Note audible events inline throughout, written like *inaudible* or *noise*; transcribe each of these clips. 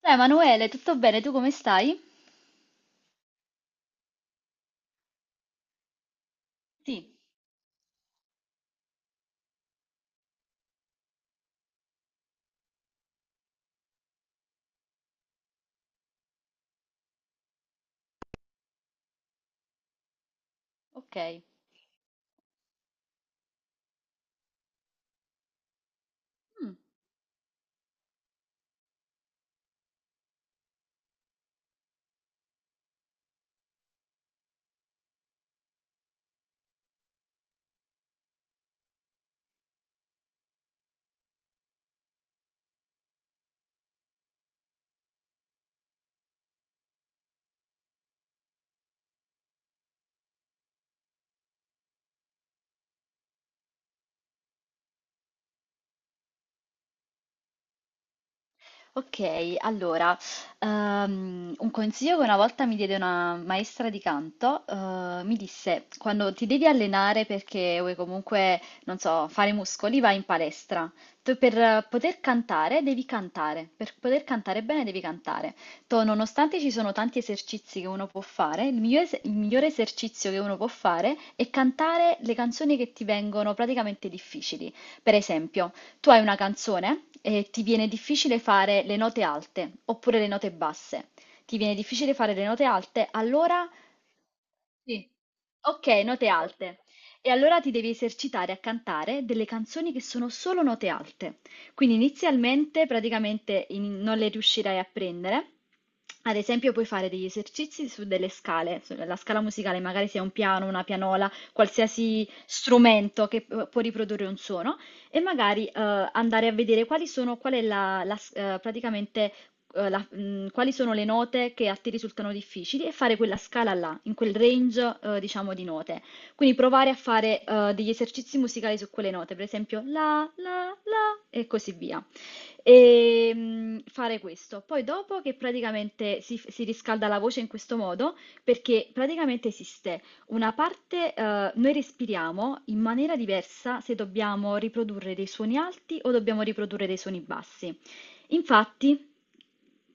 Ciao Emanuele, tutto bene? Tu come stai? Sì, ok. Mm. Ok, allora, un consiglio che una volta mi diede una maestra di canto, mi disse, quando ti devi allenare perché vuoi comunque, non so, fare muscoli, vai in palestra. Tu per poter cantare devi cantare, per poter cantare bene devi cantare. Tu, nonostante ci sono tanti esercizi che uno può fare, il migliore, il migliore esercizio che uno può fare è cantare le canzoni che ti vengono praticamente difficili. Per esempio... Tu hai una canzone e ti viene difficile fare le note alte oppure le note basse. Ti viene difficile fare le note alte, allora... Sì. Ok, note alte. E allora ti devi esercitare a cantare delle canzoni che sono solo note alte. Quindi inizialmente praticamente non le riuscirai a prendere. Ad esempio, puoi fare degli esercizi su delle scale, sulla scala musicale, magari sia un piano, una pianola, qualsiasi strumento che può riprodurre un suono e magari andare a vedere quali sono, qual è la, praticamente, quali sono le note che a te risultano difficili e fare quella scala là, in quel range, diciamo, di note. Quindi provare a fare degli esercizi musicali su quelle note, per esempio la, la, la e così via e fare questo. Poi dopo che praticamente si riscalda la voce in questo modo, perché praticamente esiste una parte, noi respiriamo in maniera diversa se dobbiamo riprodurre dei suoni alti o dobbiamo riprodurre dei suoni bassi. Infatti,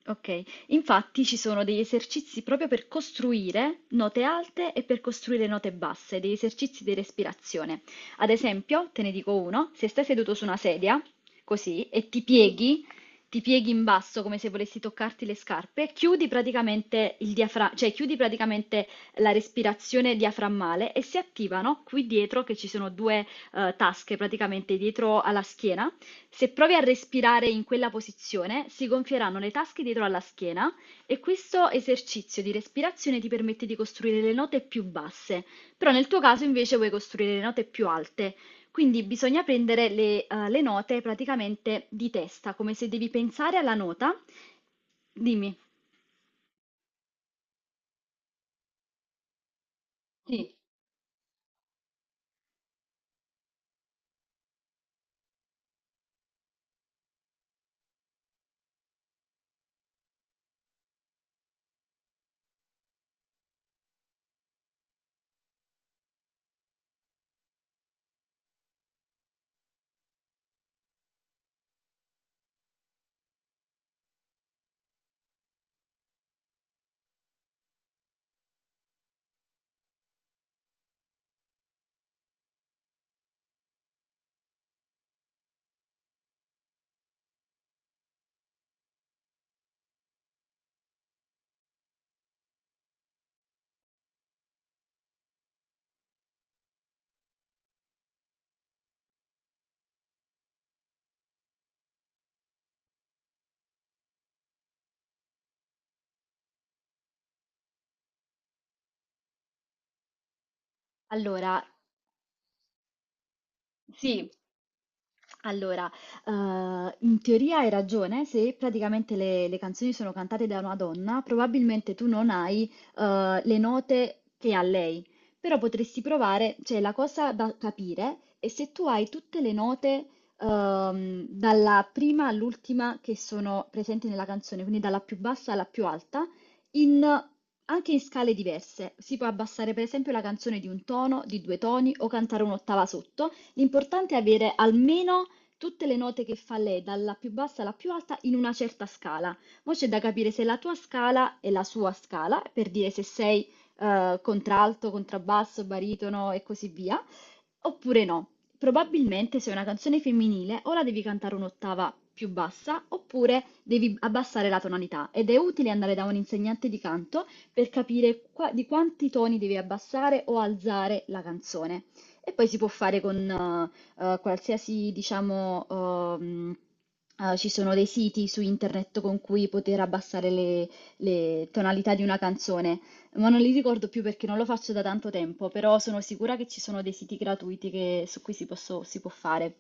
ok, infatti ci sono degli esercizi proprio per costruire note alte e per costruire note basse, degli esercizi di respirazione. Ad esempio, te ne dico uno, se stai seduto su una sedia, così, e ti pieghi in basso come se volessi toccarti le scarpe, chiudi praticamente il cioè chiudi praticamente la respirazione diaframmale e si attivano qui dietro, che ci sono due tasche praticamente dietro alla schiena. Se provi a respirare in quella posizione, si gonfieranno le tasche dietro alla schiena e questo esercizio di respirazione ti permette di costruire le note più basse. Però nel tuo caso invece vuoi costruire le note più alte. Quindi bisogna prendere le, le note praticamente di testa, come se devi pensare alla nota. Dimmi. Sì, allora, sì, allora, in teoria hai ragione, se praticamente le canzoni sono cantate da una donna, probabilmente tu non hai, le note che ha lei, però potresti provare, cioè la cosa da capire è se tu hai tutte le note, dalla prima all'ultima che sono presenti nella canzone, quindi dalla più bassa alla più alta, in anche in scale diverse. Si può abbassare per esempio la canzone di un tono, di 2 toni o cantare un'ottava sotto. L'importante è avere almeno tutte le note che fa lei, dalla più bassa alla più alta, in una certa scala. Mo' c'è da capire se la tua scala è la sua scala, per dire se sei contralto, contrabbasso, baritono e così via, oppure no. Probabilmente se è una canzone femminile o la devi cantare un'ottava più bassa oppure devi abbassare la tonalità ed è utile andare da un insegnante di canto per capire di quanti toni devi abbassare o alzare la canzone. E poi si può fare con qualsiasi, diciamo, ci sono dei siti su internet con cui poter abbassare le tonalità di una canzone, ma non li ricordo più perché non lo faccio da tanto tempo, però sono sicura che ci sono dei siti gratuiti su cui si può fare.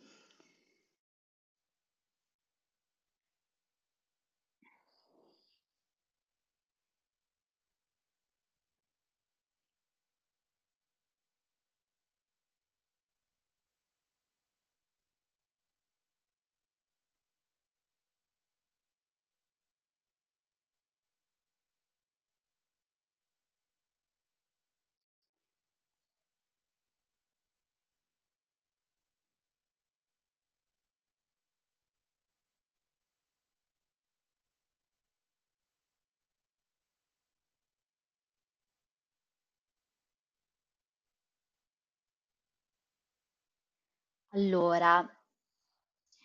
Allora,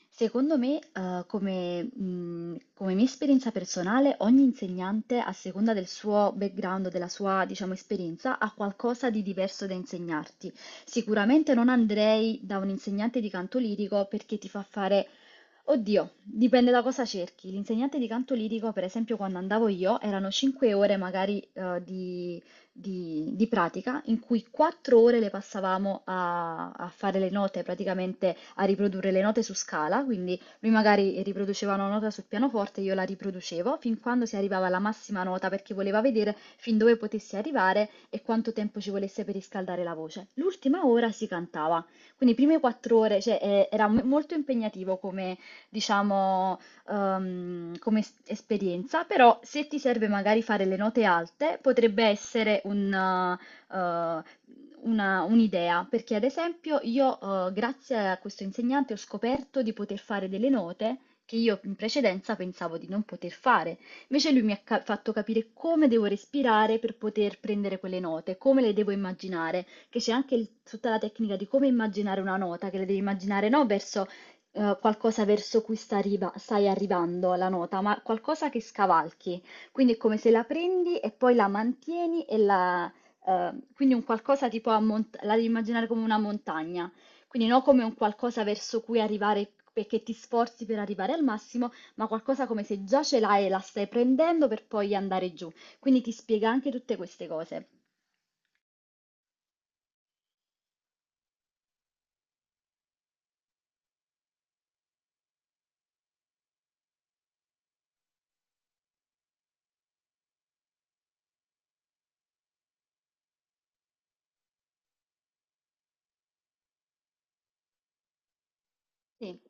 secondo me, come, come mia esperienza personale, ogni insegnante, a seconda del suo background, della sua, diciamo, esperienza, ha qualcosa di diverso da insegnarti. Sicuramente non andrei da un insegnante di canto lirico perché ti fa fare, oddio, dipende da cosa cerchi. L'insegnante di canto lirico, per esempio, quando andavo io, erano 5 ore magari, di pratica in cui quattro ore le passavamo a fare le note, praticamente a riprodurre le note su scala, quindi lui magari riproduceva una nota sul pianoforte, io la riproducevo fin quando si arrivava alla massima nota perché voleva vedere fin dove potessi arrivare e quanto tempo ci volesse per riscaldare la voce. L'ultima ora si cantava, quindi prime 4 ore, cioè, era molto impegnativo come, diciamo, come esperienza, però se ti serve magari fare le note alte, potrebbe essere un, un'idea, perché ad esempio io, grazie a questo insegnante, ho scoperto di poter fare delle note che io in precedenza pensavo di non poter fare. Invece lui mi ha fatto capire come devo respirare per poter prendere quelle note, come le devo immaginare, che c'è anche tutta la tecnica di come immaginare una nota, che le devi immaginare no verso qualcosa verso cui stai arrivando la nota, ma qualcosa che scavalchi. Quindi è come se la prendi e poi la mantieni e la... quindi un qualcosa tipo la devi immaginare come una montagna, quindi non come un qualcosa verso cui arrivare perché ti sforzi per arrivare al massimo, ma qualcosa come se già ce l'hai e la stai prendendo per poi andare giù. Quindi ti spiega anche tutte queste cose. Sì.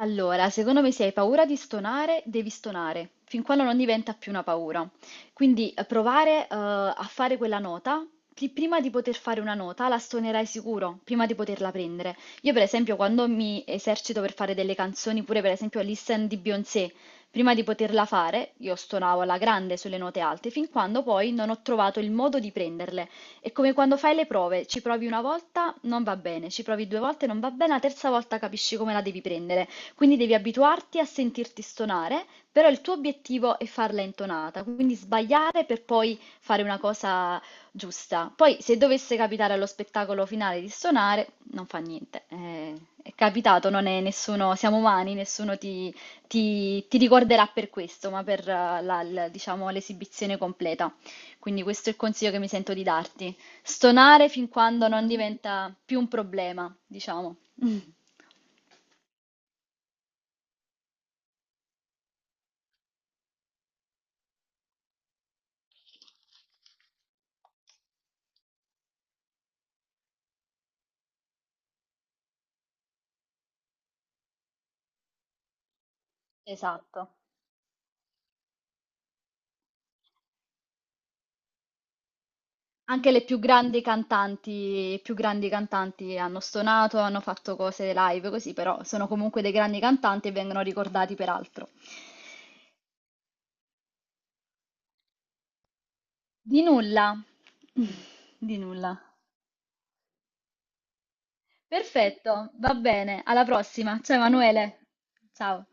Allora, secondo me se hai paura di stonare, devi stonare, fin quando non diventa più una paura. Quindi provare, a fare quella nota, prima di poter fare una nota la stonerai sicuro, prima di poterla prendere. Io per esempio quando mi esercito per fare delle canzoni, pure per esempio Listen di Beyoncé, prima di poterla fare, io stonavo alla grande sulle note alte, fin quando poi non ho trovato il modo di prenderle. È come quando fai le prove, ci provi una volta, non va bene, ci provi due volte, non va bene, la terza volta capisci come la devi prendere. Quindi devi abituarti a sentirti stonare, però il tuo obiettivo è farla intonata, quindi sbagliare per poi fare una cosa giusta. Poi se dovesse capitare allo spettacolo finale di stonare, non fa niente. È capitato, non è nessuno, siamo umani, nessuno ti, ti ricorderà per questo, ma per diciamo, l'esibizione completa. Quindi questo è il consiglio che mi sento di darti. Stonare fin quando non diventa più un problema, diciamo. *laughs* Esatto. Anche le più grandi cantanti, i più grandi cantanti hanno stonato, hanno fatto cose live così, però sono comunque dei grandi cantanti e vengono ricordati per altro. Di nulla, *laughs* di nulla. Perfetto, va bene, alla prossima. Ciao Emanuele. Ciao.